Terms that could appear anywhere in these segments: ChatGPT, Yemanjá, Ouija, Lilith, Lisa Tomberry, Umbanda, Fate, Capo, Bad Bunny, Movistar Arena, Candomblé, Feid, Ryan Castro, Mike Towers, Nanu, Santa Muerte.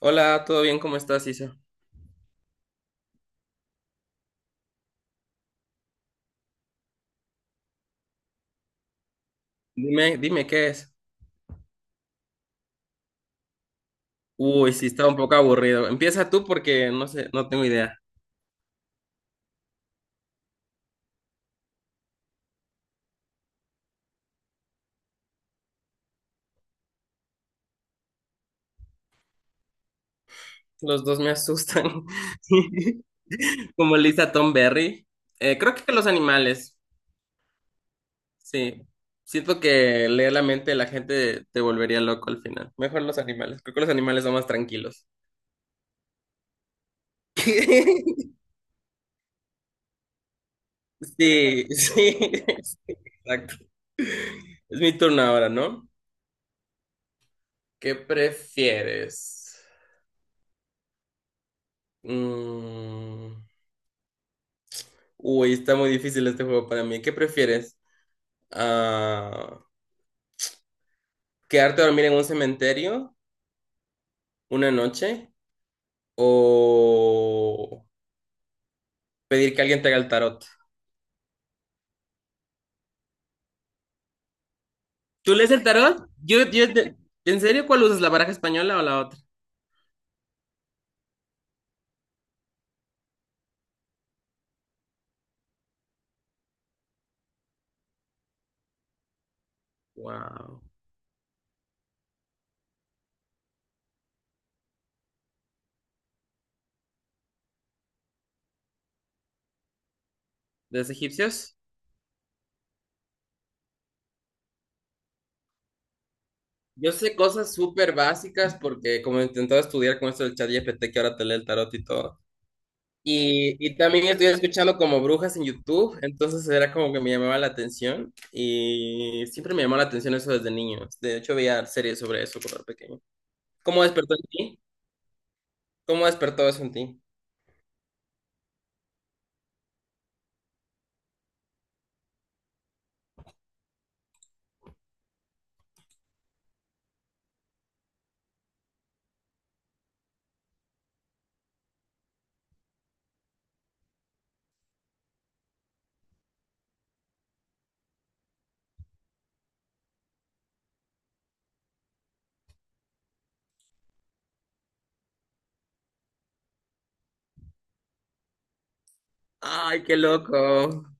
Hola, ¿todo bien? ¿Cómo estás, Isa? Dime qué es. Uy, sí, está un poco aburrido. Empieza tú porque no sé, no tengo idea. Los dos me asustan. Como Lisa Tomberry. Creo que los animales, sí. Siento que leer la mente de la gente te volvería loco al final. Mejor los animales. Creo que los animales son más tranquilos. Sí, sí, sí, exacto. Es mi turno ahora, ¿no? ¿Qué prefieres? Mm. Uy, está muy difícil este juego para mí. ¿Qué prefieres? Ah, ¿Quedarte a dormir en un cementerio una noche o pedir que alguien te haga el tarot? ¿Tú lees el tarot? ¿En serio cuál usas? ¿La baraja española o la otra? Wow. ¿De los egipcios? Yo sé cosas súper básicas porque como he intentado estudiar con esto del ChatGPT que ahora te lee el tarot y todo. Y también estoy escuchando como brujas en YouTube, entonces era como que me llamaba la atención y siempre me llamó la atención eso desde niño. De hecho, veía series sobre eso cuando era pequeño. ¿Cómo despertó en ti? ¿Cómo despertó eso en ti? Ay, qué loco.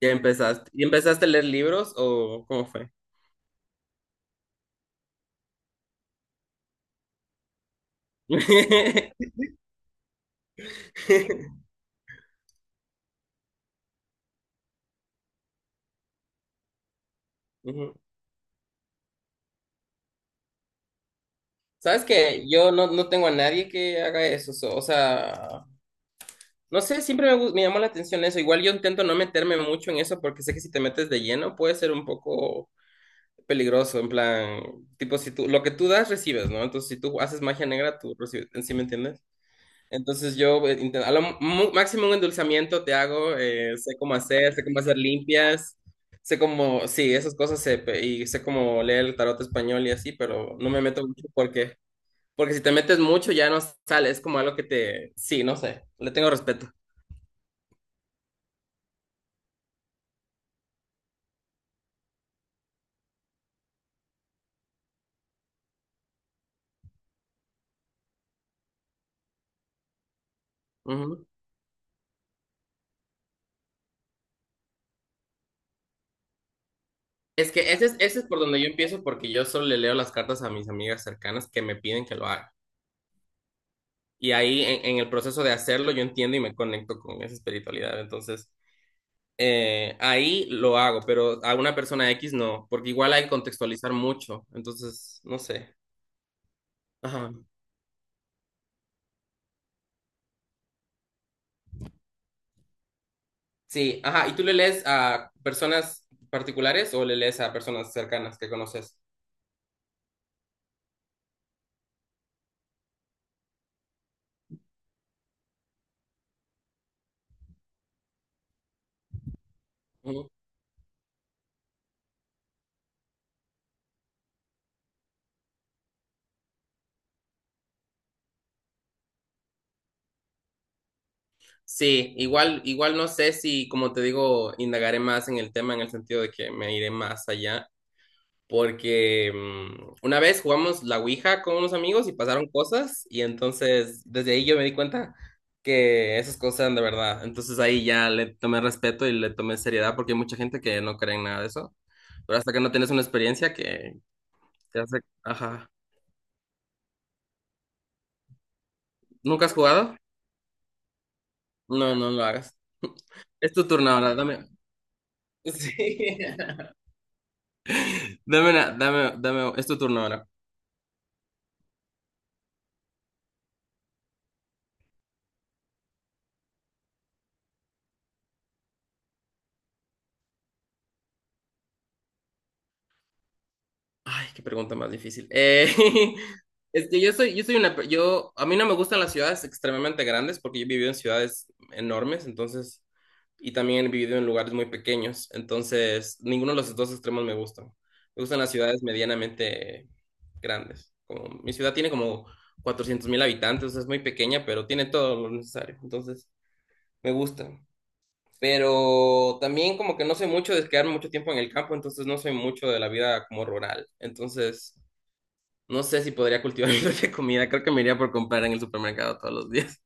Ya empezaste. ¿Y empezaste a leer libros o cómo fue? Ujú. ¿Sabes que yo no tengo a nadie que haga eso, o sea, no sé, siempre me, me llamó la atención eso, igual yo intento no meterme mucho en eso porque sé que si te metes de lleno puede ser un poco peligroso, en plan, tipo, si tú, lo que tú das, recibes, ¿no? Entonces, si tú haces magia negra, tú recibes, ¿sí me entiendes? Entonces, yo, a lo máximo un endulzamiento te hago, sé cómo hacer limpias, sé cómo, sí, esas cosas, sé, y sé cómo leer el tarot español y así, pero no me meto mucho porque si te metes mucho ya no sale, es como algo que te, sí, no sé, le tengo respeto. Ujú. Es que ese es por donde yo empiezo porque yo solo le leo las cartas a mis amigas cercanas que me piden que lo haga. Y ahí en el proceso de hacerlo yo entiendo y me conecto con esa espiritualidad. Entonces, ahí lo hago, pero a una persona X no, porque igual hay que contextualizar mucho. Entonces, no sé. Ajá. Sí, ajá. ¿Y tú le lees a personas particulares o le lees a personas cercanas que conoces? Ujú. Sí, igual, igual no sé si, como te digo, indagaré más en el tema en el sentido de que me iré más allá porque una vez jugamos la Ouija con unos amigos y pasaron cosas y entonces desde ahí yo me di cuenta que esas cosas eran de verdad. Entonces ahí ya le tomé respeto y le tomé seriedad porque hay mucha gente que no cree en nada de eso. Pero hasta que no tienes una experiencia que te hace... Ajá. ¿Nunca has jugado? No, no lo hagas. Es tu turno ahora, dame. Sí. Dame, es tu turno ahora. Ay, qué pregunta más difícil. Es que yo soy una, a mí no me gustan las ciudades extremadamente grandes porque yo he vivido en ciudades enormes, entonces, y también he vivido en lugares muy pequeños, entonces, ninguno de los dos extremos me gustan. Me gustan las ciudades medianamente grandes. Como, mi ciudad tiene como 400.000 habitantes, es muy pequeña, pero tiene todo lo necesario, entonces, me gusta. Pero también como que no soy mucho de quedarme mucho tiempo en el campo, entonces no soy mucho de la vida como rural, entonces... No sé si podría cultivar mi propia comida. Creo que me iría por comprar en el supermercado todos los días.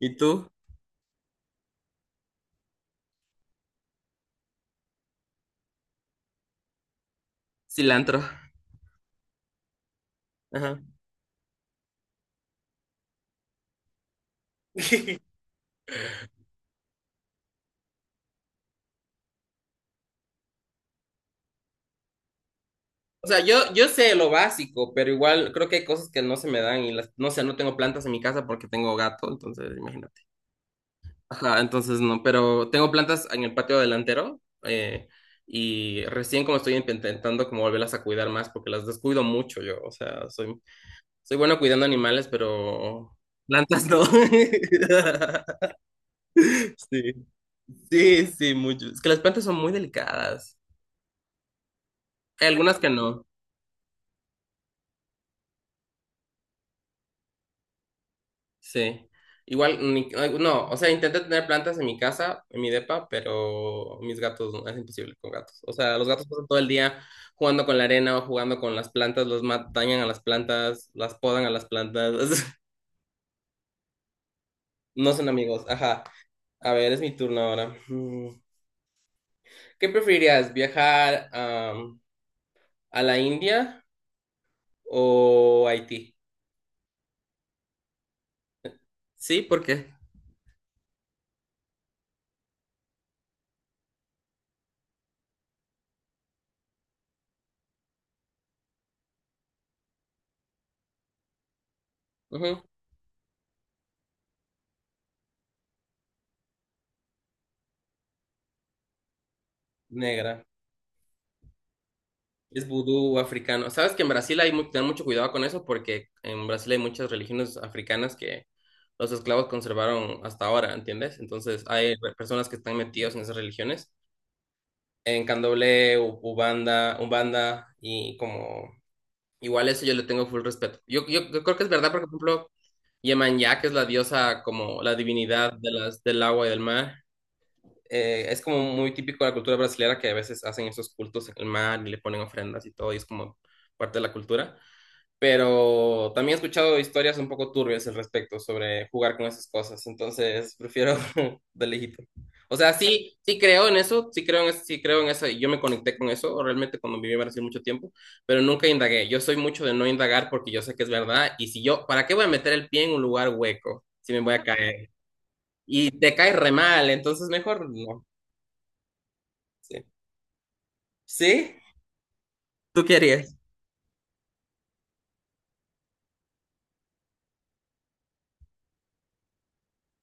¿Y tú? Cilantro. Ajá. O sea, yo sé lo básico, pero igual creo que hay cosas que no se me dan y las, no sé, no tengo plantas en mi casa porque tengo gato, entonces imagínate. Ajá, entonces no, pero tengo plantas en el patio delantero y recién como estoy intentando como volverlas a cuidar más porque las descuido mucho yo, o sea, soy, soy bueno cuidando animales, pero plantas no. Sí, sí, sí, mucho. Es que las plantas son muy delicadas. Hay algunas que no, sí. Igual, ay, no, o sea, intenté tener plantas en mi casa, en mi depa, pero mis gatos, no, es imposible con gatos. O sea, los gatos pasan todo el día jugando con la arena o jugando con las plantas, los dañan a las plantas, las podan a las plantas. No son amigos, ajá. A ver, es mi turno ahora. Mm. ¿Qué preferirías, viajar a la India o a Haití? Sí, ¿por qué? Negra. Es vudú africano. Sabes que en Brasil hay ten mucho cuidado con eso porque en Brasil hay muchas religiones africanas que los esclavos conservaron hasta ahora, ¿entiendes? Entonces hay personas que están metidas en esas religiones. En Candomblé, Ubanda, Umbanda y como... Igual eso yo le tengo full respeto. Yo creo que es verdad, porque, por ejemplo, Yemanjá, que es la diosa como la divinidad de las, del agua y del mar. Es como muy típico de la cultura brasileña que a veces hacen esos cultos en el mar y le ponen ofrendas y todo, y es como parte de la cultura. Pero también he escuchado historias un poco turbias al respecto sobre jugar con esas cosas, entonces prefiero de lejito. O sea, sí, sí creo en eso, sí creo en eso, sí creo en eso, y yo me conecté con eso realmente cuando viví en Brasil mucho tiempo, pero nunca indagué. Yo soy mucho de no indagar porque yo sé que es verdad, y si yo, ¿para qué voy a meter el pie en un lugar hueco si me voy a caer? Y te caes re mal, entonces mejor no. Sí. Sí. ¿Tú qué harías?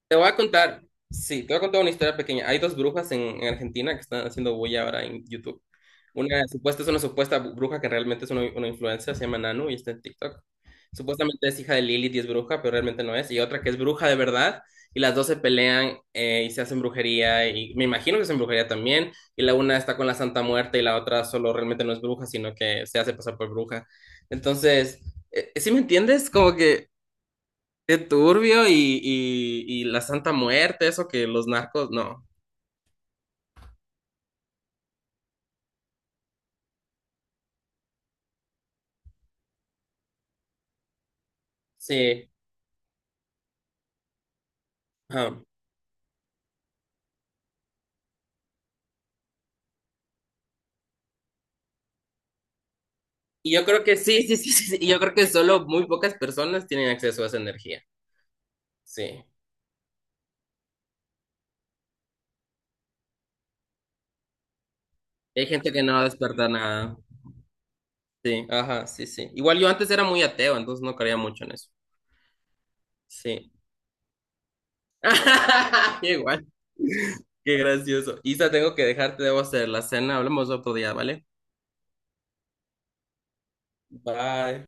Te voy a contar. Sí, te voy a contar una historia pequeña. Hay dos brujas en Argentina que están haciendo bulla ahora en YouTube. Una supuesta bruja que realmente es una influencer, se llama Nanu y está en TikTok. Supuestamente es hija de Lilith y es bruja, pero realmente no es. Y otra que es bruja de verdad, y las dos se pelean y se hacen brujería, y me imagino que hacen brujería también. Y la una está con la Santa Muerte y la otra solo realmente no es bruja, sino que se hace pasar por bruja. Entonces, ¿sí me entiendes? Como que... Qué turbio y la Santa Muerte, eso que los narcos, no. Sí. Ajá. Y yo creo que sí, sí, sí, sí, sí, y yo creo que solo muy pocas personas tienen acceso a esa energía. Sí. Hay gente que no va nada. Sí, ajá, sí, sí. Igual yo antes era muy ateo, entonces no creía mucho en eso. Sí. Igual. Qué gracioso. Isa, tengo que dejarte, debo hacer la cena. Hablamos otro día, ¿vale? Bye.